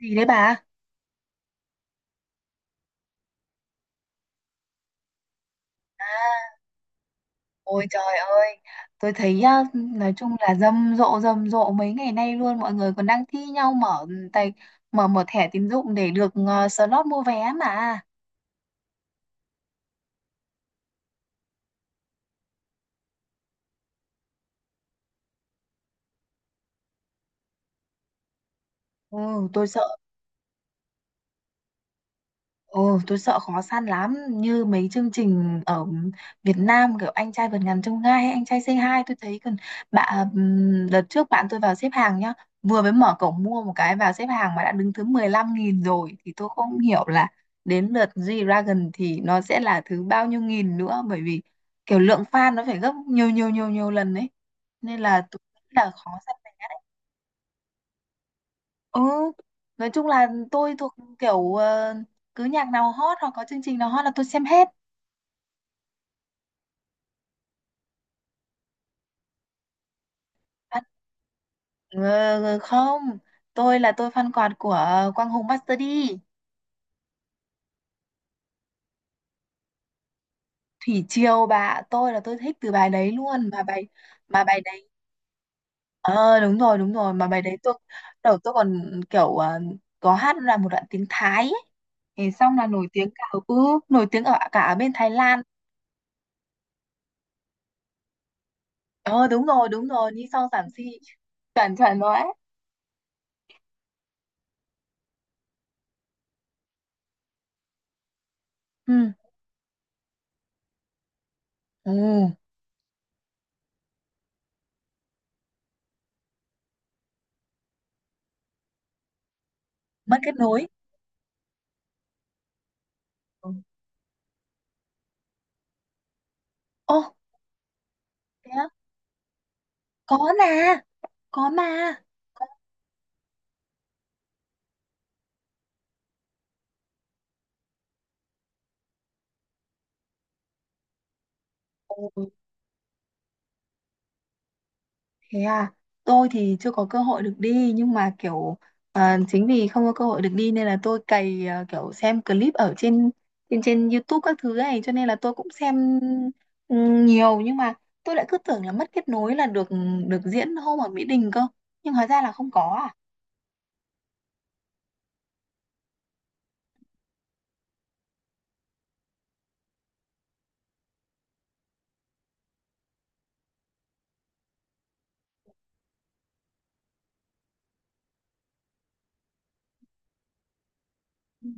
Gì đấy bà? à, Ôi trời ơi, tôi thấy á, nói chung là rầm rộ mấy ngày nay luôn, mọi người còn đang thi nhau mở tài, mở mở thẻ tín dụng để được slot mua vé mà. Ừ, tôi sợ. Ồ, tôi sợ khó săn lắm, như mấy chương trình ở Việt Nam kiểu anh trai vượt ngàn chông gai hay anh trai say hi, tôi thấy còn bạn, đợt trước bạn tôi vào xếp hàng nhá, vừa mới mở cổng mua một cái vào xếp hàng mà đã đứng thứ 15 nghìn rồi, thì tôi không hiểu là đến lượt G-Dragon thì nó sẽ là thứ bao nhiêu nghìn nữa, bởi vì kiểu lượng fan nó phải gấp nhiều nhiều nhiều nhiều lần đấy, nên là tôi nghĩ là khó săn vé. Ừ, nói chung là tôi thuộc kiểu cứ nhạc nào hot hoặc có chương trình nào hot là tôi xem hết. Bạn- Ờ, không, tôi là tôi fan quạt của Quang Hùng Master D. Thủy Triều bà, tôi là tôi thích từ bài đấy luôn, mà bài, mà bài đấy, ờ đúng rồi đúng rồi, mà bài đấy tôi đầu tôi còn kiểu có hát là một đoạn tiếng Thái ấy. Thì xong là nổi tiếng cả, nổi tiếng ở cả ở bên Thái Lan. Ờ đúng rồi đúng rồi, đi sau giảm si, chuẩn chuẩn rồi ấy. Ừ. Ừ. Mất kết nối. Ừ. Ô thế á? Có mà, có mà, có. Ồ, thế à, tôi thì chưa có cơ hội được đi nhưng mà kiểu, à, chính vì không có cơ hội được đi nên là tôi cày, à, kiểu xem clip ở trên, trên YouTube các thứ này, cho nên là tôi cũng xem ừ, nhiều, nhưng mà tôi lại cứ tưởng là mất kết nối là được, được diễn hôm ở Mỹ Đình cơ, nhưng hóa ra là không có à. Ừ.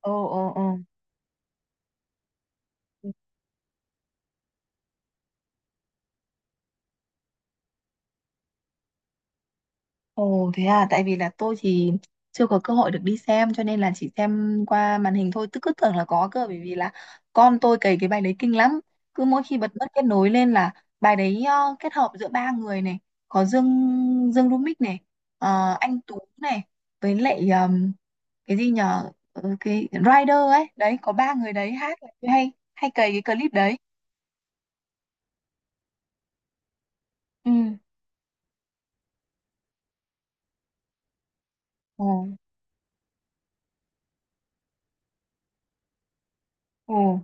Ồ, ồ, ồ. Ồ thế à, tại vì là tôi thì chưa có cơ hội được đi xem cho nên là chỉ xem qua màn hình thôi, tức cứ tưởng là có cơ, bởi vì là con tôi cày cái bài đấy kinh lắm. Cứ mỗi khi bật mất kết nối lên là bài đấy kết hợp giữa ba người này, có Dương, Dương Rumix này, anh Tú này, với lại cái gì nhờ, Ờ, cái Rider ấy, đấy có ba người đấy hát là tôi hay hay cày cái clip đấy. Ừ. Ồ, ồ,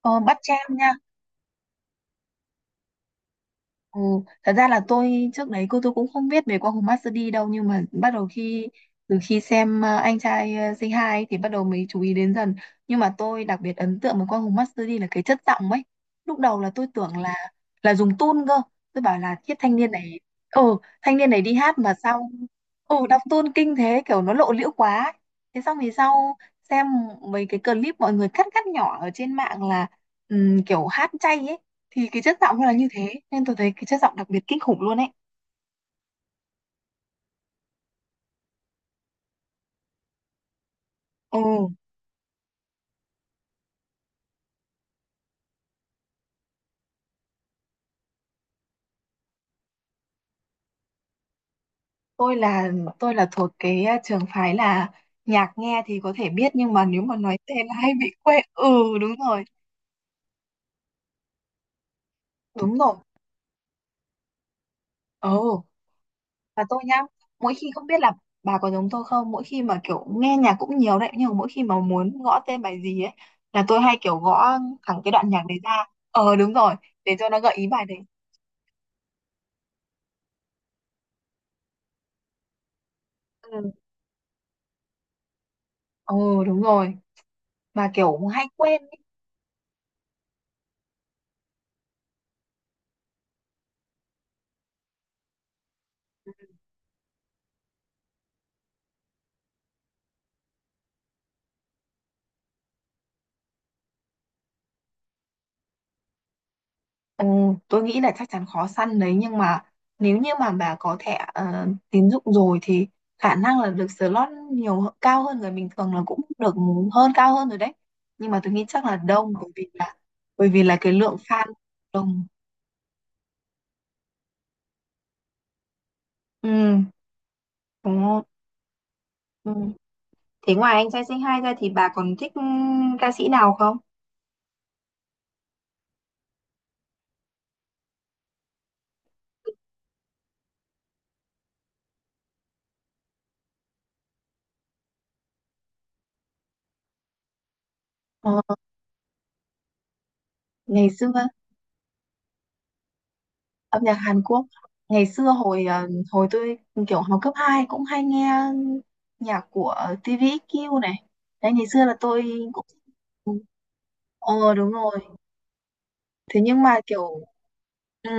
ờ, bắt jam nha. Ừ, thật ra là tôi trước đấy cô tôi cũng không biết về qua Hùng Master D đâu, nhưng mà bắt đầu khi từ khi xem anh trai Say Hi ấy, thì bắt đầu mới chú ý đến dần, nhưng mà tôi đặc biệt ấn tượng với qua Hùng Master D là cái chất giọng ấy. Lúc đầu là tôi tưởng là dùng tune cơ, tôi bảo là thiết thanh niên này, ừ thanh niên này đi hát mà sao ừ đọc tune kinh thế, kiểu nó lộ liễu quá ấy. Thế xong thì sau xem mấy cái clip mọi người cắt cắt nhỏ ở trên mạng là kiểu hát chay ấy, thì cái chất giọng nó là như thế nên tôi thấy cái chất giọng đặc biệt kinh khủng luôn ấy. Ừ tôi là tôi là thuộc cái trường phái là nhạc nghe thì có thể biết nhưng mà nếu mà nói tên là hay bị quên ừ đúng rồi, đúng rồi, ừ và tôi nhá, mỗi khi không biết là, bà có giống tôi không, mỗi khi mà kiểu nghe nhạc cũng nhiều đấy nhưng mà mỗi khi mà muốn gõ tên bài gì ấy là tôi hay kiểu gõ thẳng cái đoạn nhạc đấy ra, ờ đúng rồi, để cho nó gợi ý bài đấy. Ừ. Ừ đúng rồi, mà kiểu hay quên. Ừ, tôi nghĩ là chắc chắn khó săn đấy, nhưng mà nếu như mà bà có thẻ tín dụng rồi thì khả năng là được slot nhiều cao hơn người bình thường là cũng được, hơn cao hơn rồi đấy, nhưng mà tôi nghĩ chắc là đông bởi vì là, bởi vì là cái lượng fan đông. Ừ, đúng không? Ừ. Thế ngoài anh trai Say hai ra thì bà còn thích ca sĩ nào không? Ờ, ngày xưa âm nhạc Hàn Quốc, ngày xưa hồi hồi tôi kiểu học cấp 2 cũng hay nghe nhạc của TVXQ này, đấy ngày xưa là tôi cũng, ờ đúng rồi, thế nhưng mà kiểu ừ,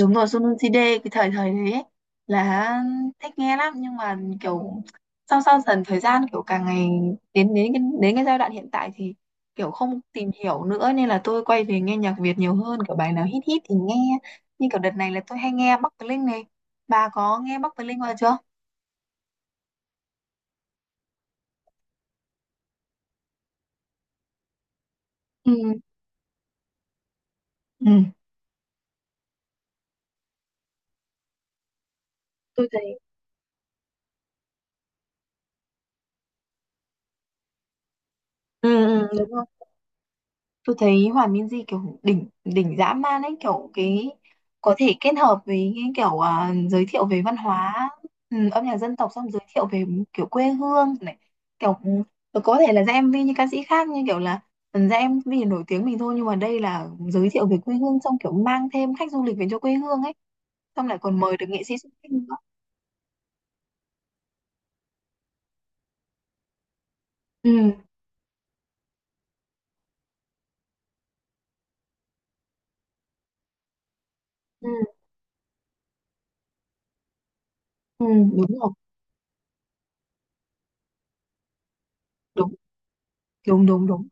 đúng rồi Sun CD cái thời thời đấy ấy, là thích nghe lắm, nhưng mà kiểu sau sau dần thời gian kiểu càng ngày, đến đến cái giai đoạn hiện tại thì kiểu không tìm hiểu nữa nên là tôi quay về nghe nhạc Việt nhiều hơn, kiểu bài nào hit hit thì nghe, như kiểu đợt này là tôi hay nghe Bắc Bling này, bà có nghe Bắc Bling bao giờ chưa? Ừ, ừ tôi thấy ừ, ừ, đúng rồi. Tôi thấy Hoàng Minzy kiểu đỉnh đỉnh dã man ấy, kiểu cái có thể kết hợp với cái kiểu, à, giới thiệu về văn hóa, ừ, âm nhạc dân tộc, xong giới thiệu về kiểu quê hương này, kiểu rồi có thể là ra MV như ca sĩ khác, như kiểu là, ừ, ra MV nổi tiếng mình thôi, nhưng mà đây là giới thiệu về quê hương xong kiểu mang thêm khách du lịch về cho quê hương ấy, xong lại còn mời được nghệ sĩ xuất sắc nữa. Ừ. Ừ. Ừ đúng rồi. Đúng đúng đúng đúng.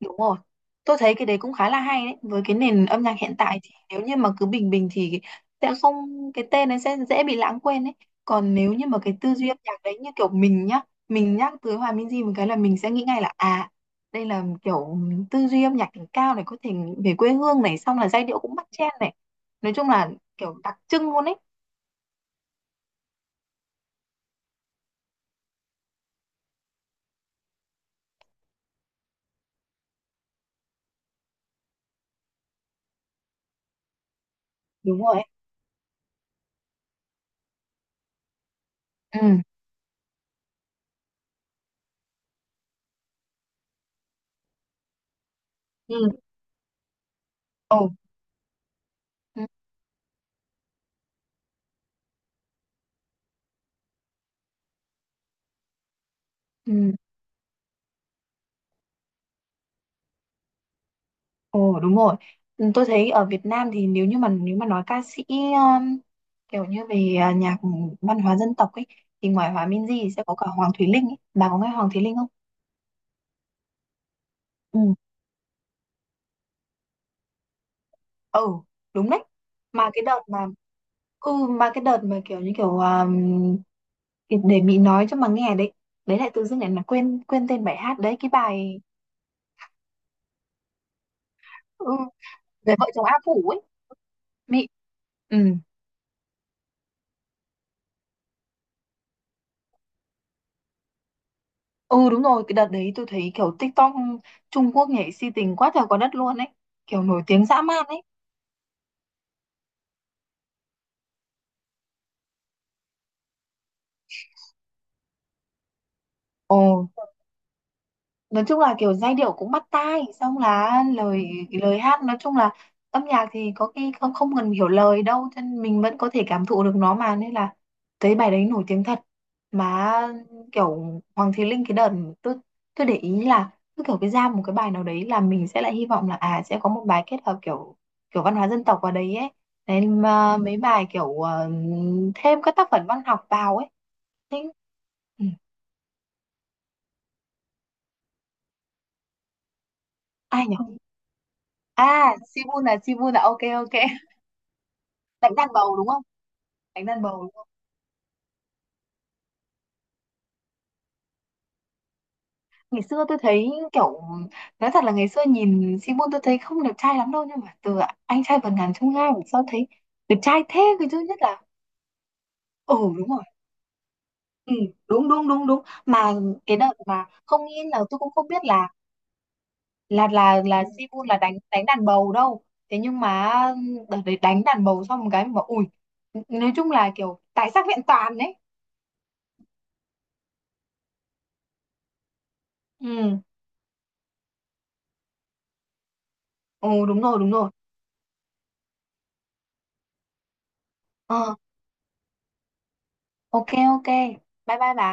Đúng rồi. Tôi thấy cái đấy cũng khá là hay đấy. Với cái nền âm nhạc hiện tại thì nếu như mà cứ bình bình thì sẽ không, cái tên ấy sẽ dễ bị lãng quên ấy. Còn nếu như mà cái tư duy âm nhạc đấy như kiểu mình nhá, mình nhắc tới Hòa Minzy một cái là mình sẽ nghĩ ngay là à, đây là kiểu tư duy âm nhạc đỉnh cao này, có thể về quê hương này, xong là giai điệu cũng bắt chen này. Nói chung là kiểu đặc trưng luôn ấy. Đúng rồi ấy. Ừ. Ừ. Ồ. Ừ. Ừ. Ồ đúng rồi. Ừ, tôi thấy ở Việt Nam thì nếu như mà nếu mà nói ca sĩ kiểu như về à, nhạc văn hóa dân tộc ấy thì ngoài Hòa Minzy thì sẽ có cả Hoàng Thùy Linh ấy. Bà có nghe Hoàng Thùy Linh không? Ừ. Ừ, đúng đấy. Mà cái đợt mà mà cái đợt mà kiểu như kiểu, à, để Mỹ nói cho mà nghe đấy. Đấy lại tự dưng lại là quên quên tên bài hát đấy, cái bài ừ, về vợ chồng A Phủ ấy. Mỹ, ừ. Ừ đúng rồi, cái đợt đấy tôi thấy kiểu TikTok Trung Quốc nhảy si tình quá trời quá đất luôn ấy. Kiểu nổi tiếng dã man ấy. Ồ, nói chung là kiểu giai điệu cũng bắt tai, xong là lời, lời hát nói chung là, âm nhạc thì có khi không không cần hiểu lời đâu cho nên mình vẫn có thể cảm thụ được nó mà, nên là thấy bài đấy nổi tiếng thật, mà kiểu Hoàng Thùy Linh cái đợt tôi tôi để ý là cứ kiểu cái ra một cái bài nào đấy là mình sẽ lại hy vọng là à sẽ có một bài kết hợp kiểu, kiểu văn hóa dân tộc vào đấy ấy, nên mà mấy bài kiểu thêm các tác phẩm văn học vào ấy. Thế- ừ, ai nhỉ? À, Sibun là ok ok. Đánh đàn bầu đúng không? Đánh đàn bầu, đúng không? Ngày xưa tôi thấy kiểu, nói thật là ngày xưa nhìn Sibun tôi thấy không đẹp trai lắm đâu, nhưng mà từ anh trai vượt ngàn chông gai mà sau thấy đẹp trai thế, cái thứ nhất là ừ đúng rồi. Ừ, đúng đúng đúng đúng, mà cái đợt mà không nghĩ là tôi cũng không biết là là Sibun là đánh đánh đàn bầu đâu. Thế nhưng mà đợt đấy đánh đàn bầu xong một cái mà bảo ui, nói chung là kiểu tài sắc vẹn toàn đấy. Ừ, ừ đúng rồi đúng rồi. Ờ, Ok ok. Bye bye bà.